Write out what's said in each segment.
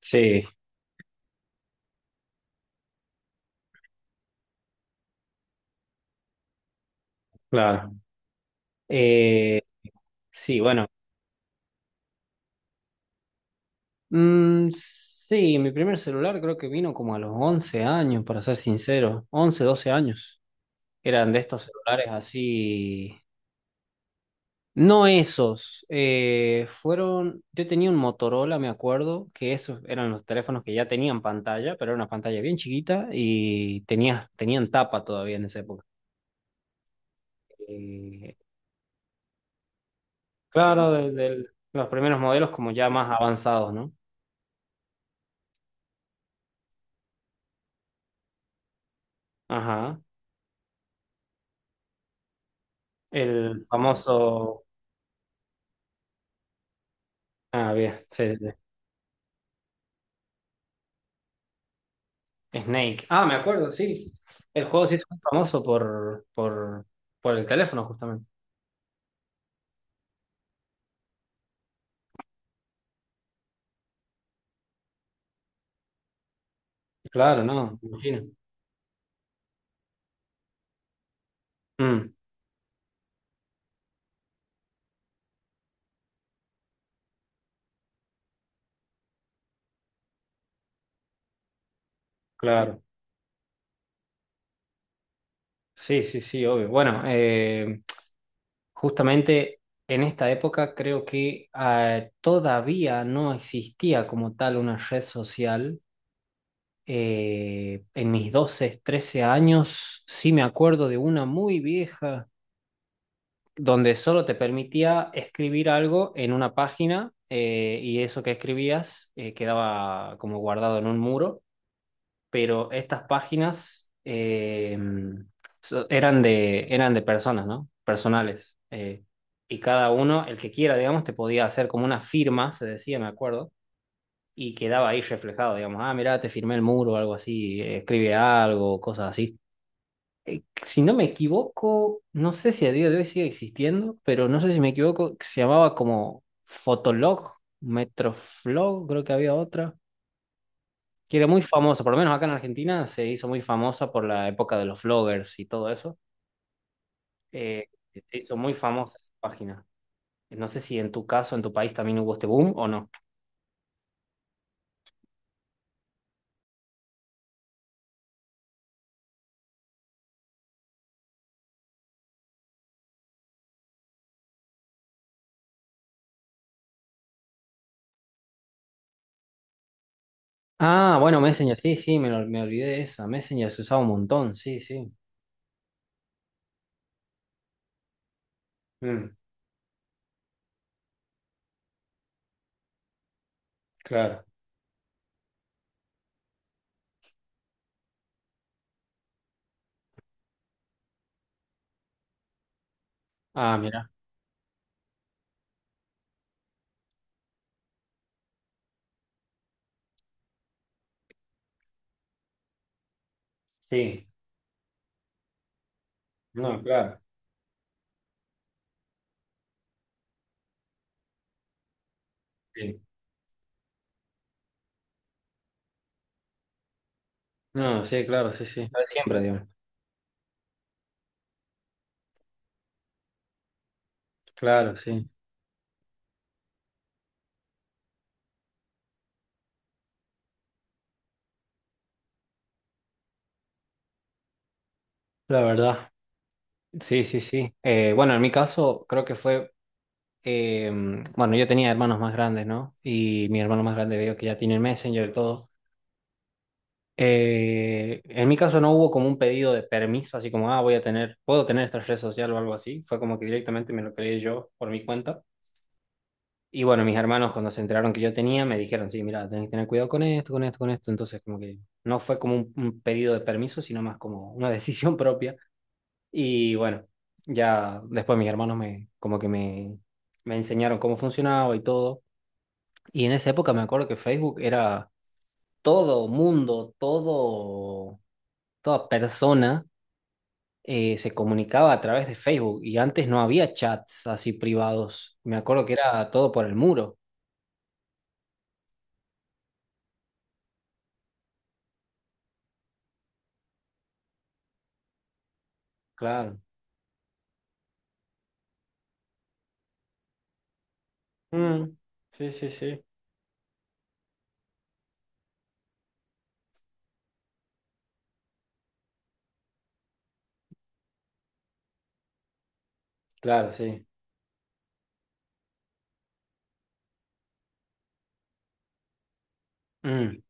Sí, claro. Eh, sí, bueno. Mm, sí, mi primer celular creo que vino como a los 11 años, para ser sincero. 11, 12 años. Eran de estos celulares así. No esos, fueron, yo tenía un Motorola, me acuerdo, que esos eran los teléfonos que ya tenían pantalla, pero era una pantalla bien chiquita y tenía, tenían tapa todavía en esa época. Eh, claro, de los primeros modelos como ya más avanzados, ¿no? Ajá. El famoso, ah, bien, sí, sí, sí. Snake. Ah, me acuerdo, sí. El juego sí es famoso por el teléfono, justamente. Claro, no, me imagino. Mm, claro. Sí, sí, sí, obvio. Bueno, justamente en esta época creo que todavía no existía como tal una red social. En mis 12, 13 años sí me acuerdo de una muy vieja donde solo te permitía escribir algo en una página, y eso que escribías, quedaba como guardado en un muro. Pero estas páginas, eran de personas, ¿no? Personales. Y cada uno, el que quiera, digamos, te podía hacer como una firma, se decía, me acuerdo, y quedaba ahí reflejado, digamos, ah, mirá, te firmé el muro, o algo así, escribe algo, cosas así. Si no me equivoco, no sé si a día de hoy sigue existiendo, pero no sé si me equivoco, se llamaba como Fotolog, Metroflog, creo que había otra que era muy famosa, por lo menos acá en Argentina se hizo muy famosa por la época de los vloggers y todo eso. Eh, se hizo muy famosa esa página. No sé si en tu caso, en tu país también hubo este boom o no. Ah, bueno, Messenger, sí, sí, me olvidé de esa. Messenger se usaba un montón, sí, sí. Mm, claro. Ah, mira. Sí. No, claro. Sí. No, sí, claro, sí, sí. Lo de siempre, digamos. Claro, sí. La verdad. Sí, sí, sí. Bueno, en mi caso creo que fue, eh, bueno, yo tenía hermanos más grandes, ¿no? Y mi hermano más grande veo que ya tiene el Messenger y todo. En mi caso no hubo como un pedido de permiso, así como, ah, voy a tener, puedo tener esta red social o algo así. Fue como que directamente me lo creé yo por mi cuenta. Y bueno, mis hermanos cuando se enteraron que yo tenía, me dijeron, sí, mira, tenés que tener cuidado con esto, con esto, con esto. Entonces, como que no fue como un pedido de permiso, sino más como una decisión propia. Y bueno, ya después mis hermanos como que me enseñaron cómo funcionaba y todo. Y en esa época me acuerdo que Facebook era todo mundo, todo, toda persona, se comunicaba a través de Facebook, y antes no había chats así privados. Me acuerdo que era todo por el muro. Claro. Mm, sí, sí, sí. Claro, sí. Mm,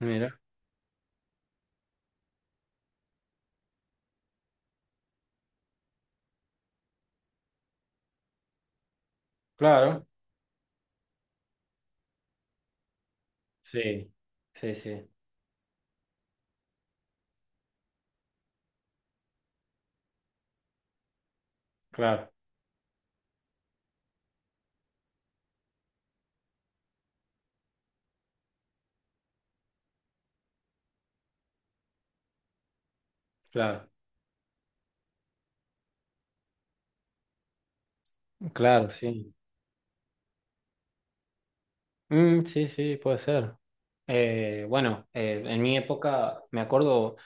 mira. Claro. Sí. Sí, sí. Claro, claro. Claro, sí. Mm, sí, sí, puede ser. Bueno, en mi época me acuerdo.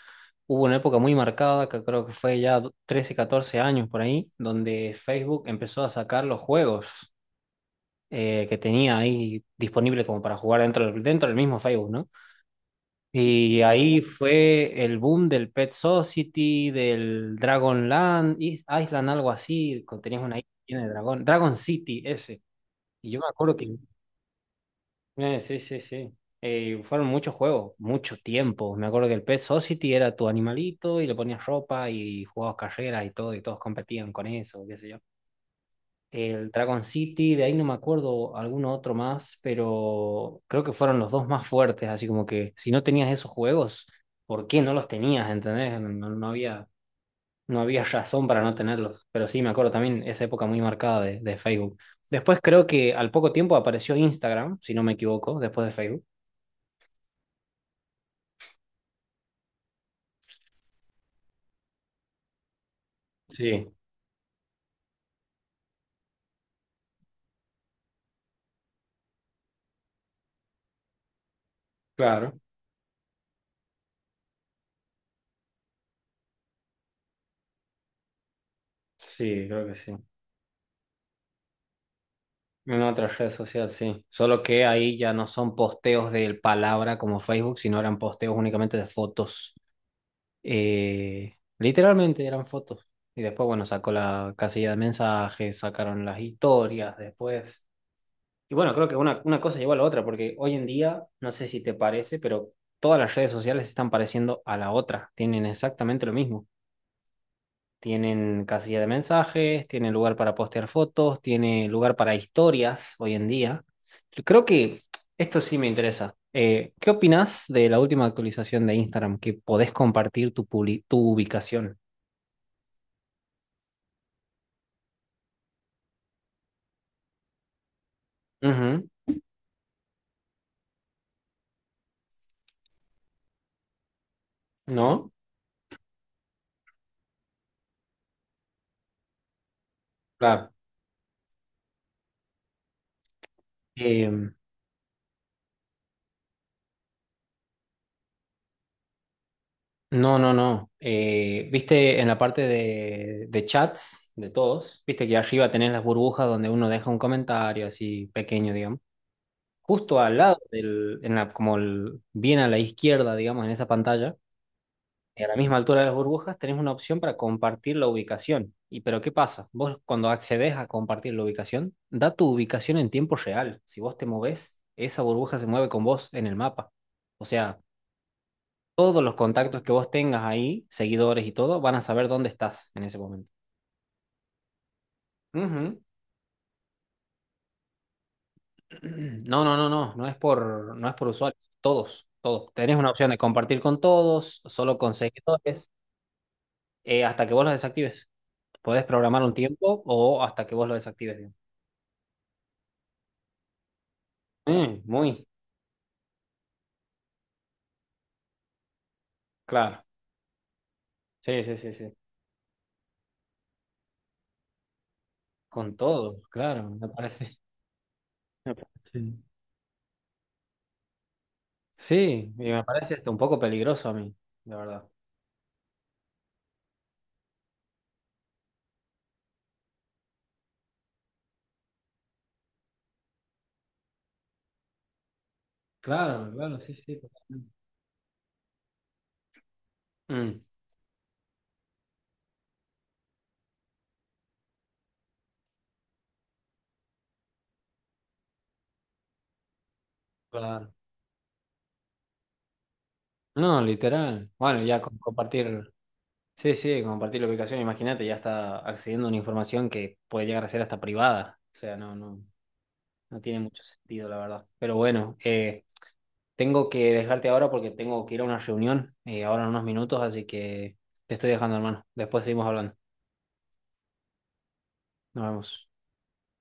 Hubo una época muy marcada, que creo que fue ya 13, 14 años por ahí, donde Facebook empezó a sacar los juegos, que tenía ahí disponibles como para jugar dentro del mismo Facebook, ¿no? Y ahí fue el boom del Pet Society, del Dragon Land, Island, algo así, tenías una isla llena de dragón, Dragon City ese. Y yo me acuerdo que. Sí, sí, sí. Fueron muchos juegos, mucho tiempo. Me acuerdo que el Pet Society era tu animalito y le ponías ropa y jugabas carreras y todo, y todos competían con eso, qué sé yo. El Dragon City, de ahí no me acuerdo alguno otro más, pero creo que fueron los dos más fuertes, así como que si no tenías esos juegos, ¿por qué no los tenías? ¿Entendés? No había razón para no tenerlos. Pero sí, me acuerdo también esa época muy marcada de Facebook. Después creo que al poco tiempo apareció Instagram, si no me equivoco, después de Facebook. Sí, claro. Sí, creo que sí. En otra red social, sí. Solo que ahí ya no son posteos de palabra como Facebook, sino eran posteos únicamente de fotos. Literalmente eran fotos. Y después, bueno, sacó la casilla de mensajes, sacaron las historias después. Y bueno, creo que una cosa llevó a la otra, porque hoy en día, no sé si te parece, pero todas las redes sociales están pareciendo a la otra. Tienen exactamente lo mismo. Tienen casilla de mensajes, tienen lugar para postear fotos, tiene lugar para historias hoy en día. Creo que esto sí me interesa. ¿Qué opinas de la última actualización de Instagram que podés compartir tu ubicación? Ujú, ¿no? Claro. Eh, no, no, no. Viste en la parte de chats de todos, viste que arriba tenés las burbujas donde uno deja un comentario así pequeño, digamos. Justo al lado del, en la, bien a la izquierda, digamos, en esa pantalla, a la misma altura de las burbujas, tenés una opción para compartir la ubicación. Y pero ¿qué pasa? Vos cuando accedes a compartir la ubicación, da tu ubicación en tiempo real. Si vos te movés, esa burbuja se mueve con vos en el mapa. O sea, todos los contactos que vos tengas ahí, seguidores y todo, van a saber dónde estás en ese momento. Ujú. No, no, no, no, no es por usuarios todos, todos. Tenés una opción de compartir con todos, solo con seguidores. Hasta que vos lo desactives. Podés programar un tiempo o hasta que vos lo desactives, digamos. Mm, muy claro. Sí, sí, sí, sí. Con todo, claro, me parece. me parece- Sí, y me parece hasta un poco peligroso a mí, la verdad. Claro, claro, sí, sí, totalmente. Mm, claro. No, literal. Bueno, ya compartir, sí, sí, compartir la ubicación, imagínate, ya está accediendo a una información que puede llegar a ser hasta privada. O sea, no, no, no tiene mucho sentido, la verdad. Pero bueno, tengo que dejarte ahora porque tengo que ir a una reunión, ahora en unos minutos, así que te estoy dejando, hermano. Después seguimos hablando. Nos vemos.